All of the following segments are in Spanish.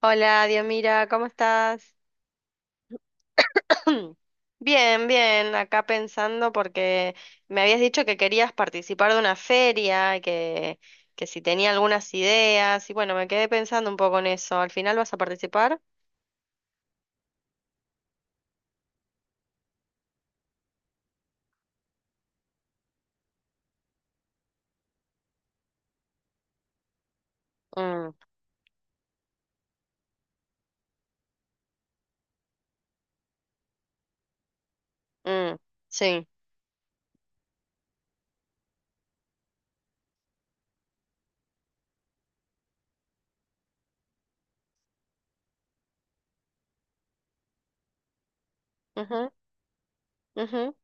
Hola, Diomira, ¿cómo estás? Bien, bien, acá pensando porque me habías dicho que querías participar de una feria, que si tenía algunas ideas, y bueno, me quedé pensando un poco en eso. ¿Al final vas a participar? Mm, mm, sí. Ujú, ujú,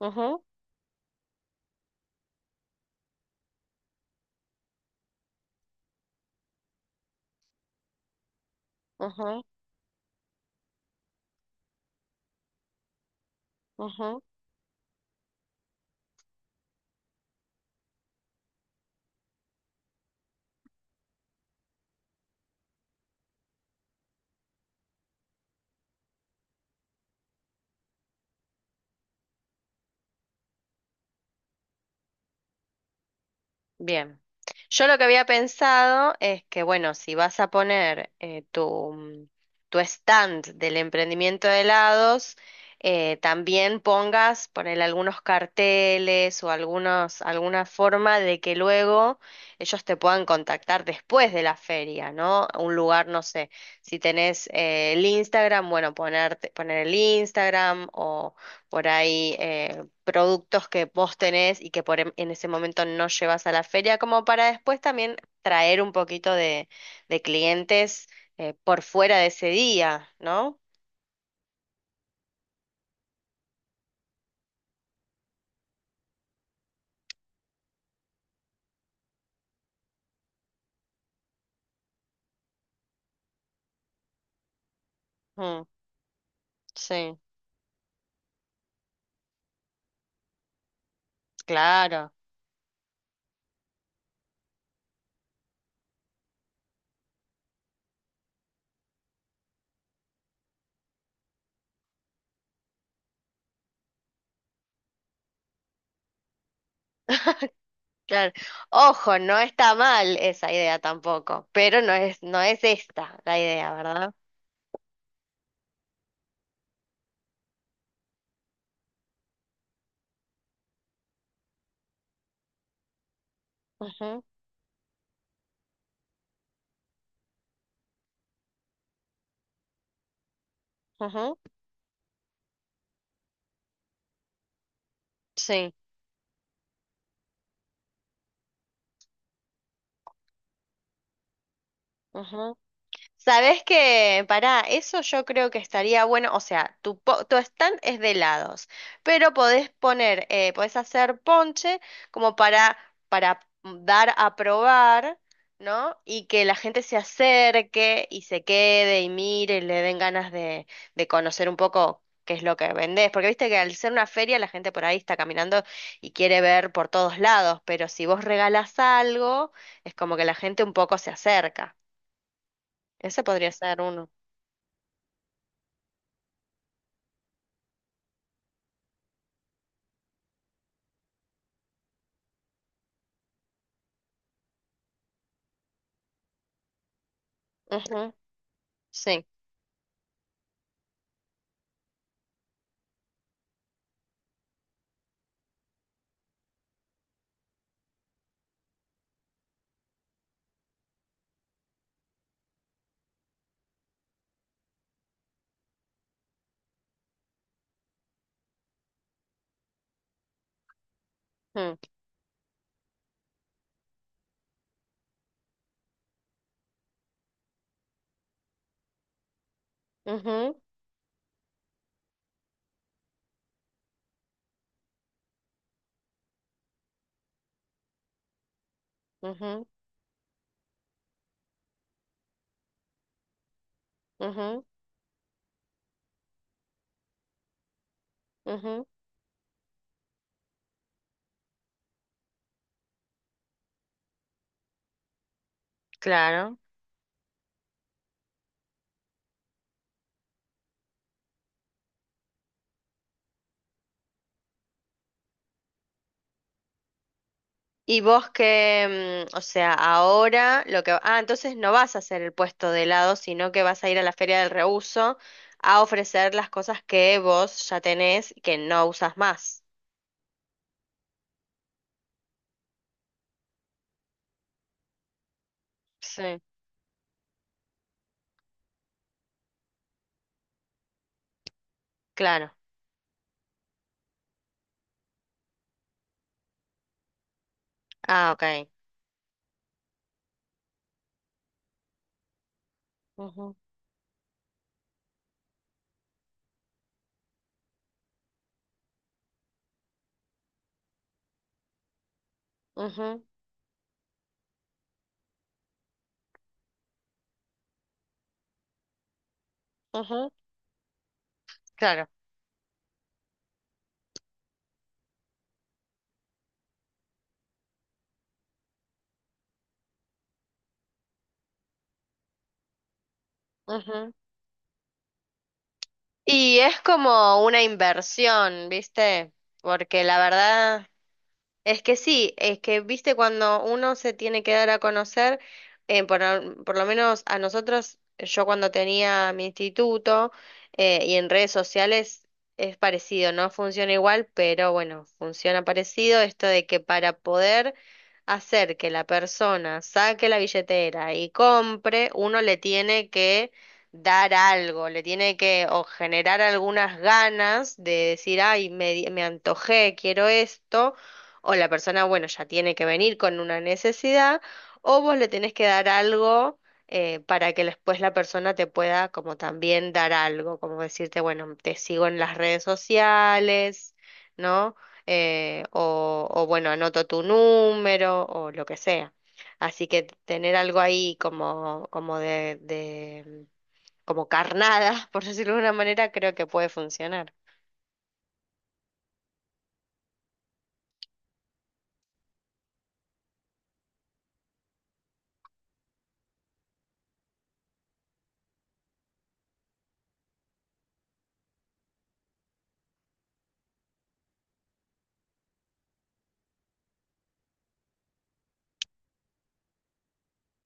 ujú, ujú, ujú. Bien. Yo lo que había pensado es que, bueno, si vas a poner tu stand del emprendimiento de helados, también poner algunos carteles o alguna forma de que luego ellos te puedan contactar después de la feria, ¿no? Un lugar, no sé, si tenés el Instagram, bueno, poner el Instagram o por ahí productos que vos tenés y que en ese momento no llevas a la feria, como para después también traer un poquito de clientes por fuera de ese día, ¿no? Mm, sí, claro, claro. Ojo, no está mal esa idea tampoco, pero no es esta la idea, ¿verdad? Ujú, ujú, sí. Ujú. Sabes que para eso yo creo que estaría bueno, o sea, tu stand es de helados, pero podés hacer ponche como para dar a probar, ¿no? Y que la gente se acerque y se quede y mire y le den ganas de, conocer un poco qué es lo que vendés, porque viste que al ser una feria la gente por ahí está caminando y quiere ver por todos lados, pero si vos regalás algo, es como que la gente un poco se acerca. Ese podría ser uno. Ujú, sí. Mm, ujú, ujú, ujú, ujú. Claro. Y vos que, mm, o sea, ahora lo que... Ah, entonces no vas a hacer el puesto de helado, sino que vas a ir a la feria del reuso a ofrecer las cosas que vos ya tenés y que no usas más. Sí, claro. Ah, ok. Ujú, ujú, ujú. Claro. Ujú. Y es como una inversión, ¿viste? Porque la verdad... Es que sí, es que viste cuando uno se tiene que dar a conocer, por lo menos a nosotros, yo cuando tenía mi instituto y en redes sociales es parecido, no funciona igual, pero bueno, funciona parecido esto de que para poder hacer que la persona saque la billetera y compre, uno le tiene que dar algo, le tiene que o generar algunas ganas de decir, ay, me antojé, quiero esto o la persona, bueno, ya tiene que venir con una necesidad, o vos le tenés que dar algo para que después la persona te pueda como también dar algo, como decirte, bueno, te sigo en las redes sociales, ¿no? O bueno, anoto tu número o lo que sea. Así que tener algo ahí como, como carnada, por decirlo de una manera, creo que puede funcionar.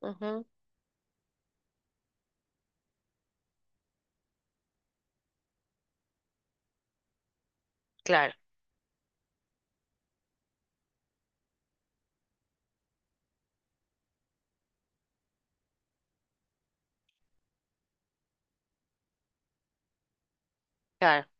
Ujú, claro, claro.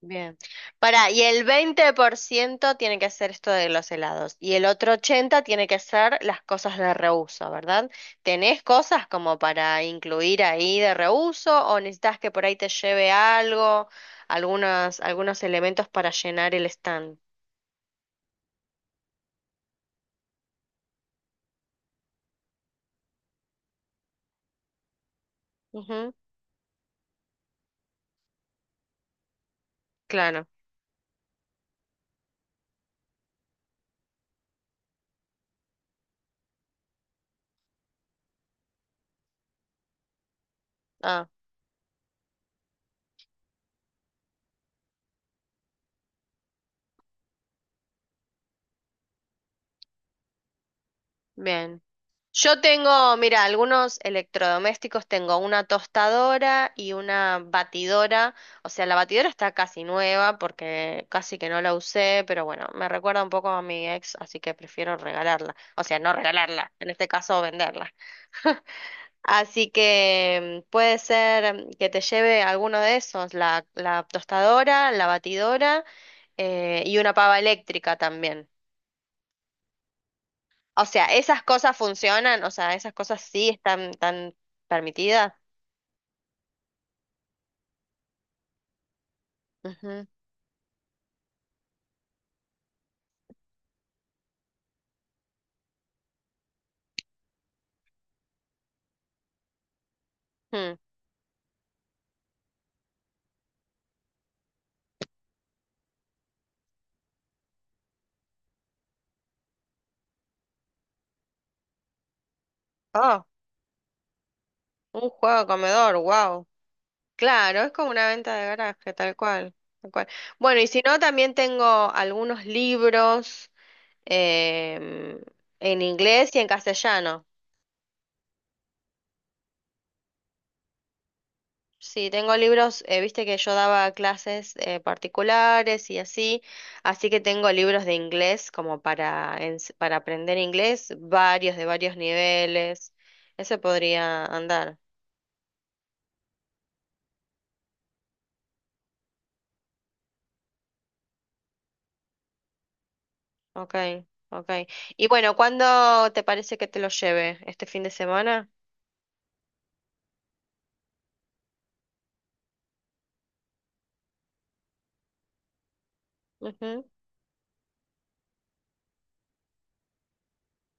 Bien. Y el 20% tiene que ser esto de los helados y el otro 80% tiene que ser las cosas de reuso, ¿verdad? ¿Tenés cosas como para incluir ahí de reuso o necesitas que por ahí te lleve algo, algunos elementos para llenar el stand? Ujú, claro. Ah, bien. Yo tengo, mira, algunos electrodomésticos, tengo una tostadora y una batidora, o sea, la batidora está casi nueva porque casi que no la usé, pero bueno, me recuerda un poco a mi ex, así que prefiero regalarla, o sea, no regalarla, en este caso venderla. Así que puede ser que te lleve alguno de esos, la tostadora, la batidora y una pava eléctrica también. O sea, esas cosas funcionan, o sea, esas cosas sí están tan permitidas. Ujú, ujú. Oh, un juego de comedor, wow. Claro, es como una venta de garaje, tal cual, tal cual. Bueno, y si no, también tengo algunos libros em, en inglés y en castellano. Sí, tengo libros, viste que yo daba clases particulares y así, así que tengo libros de inglés como para aprender inglés, varios de varios niveles. Ese podría andar. Ok, ok. Y bueno, ¿cuándo te parece que te lo lleve? ¿Este fin de semana? Ujú.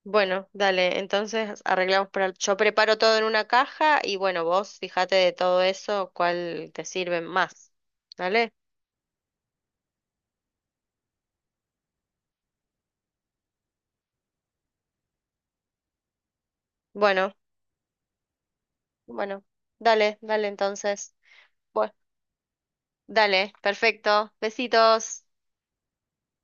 Bueno, dale, entonces arreglamos para... el- Yo preparo todo en una caja y bueno, vos fíjate de todo eso cuál te sirve más. ¿Dale? Bueno, bueno, dale, dale entonces. Bueno, dale, perfecto. Besitos.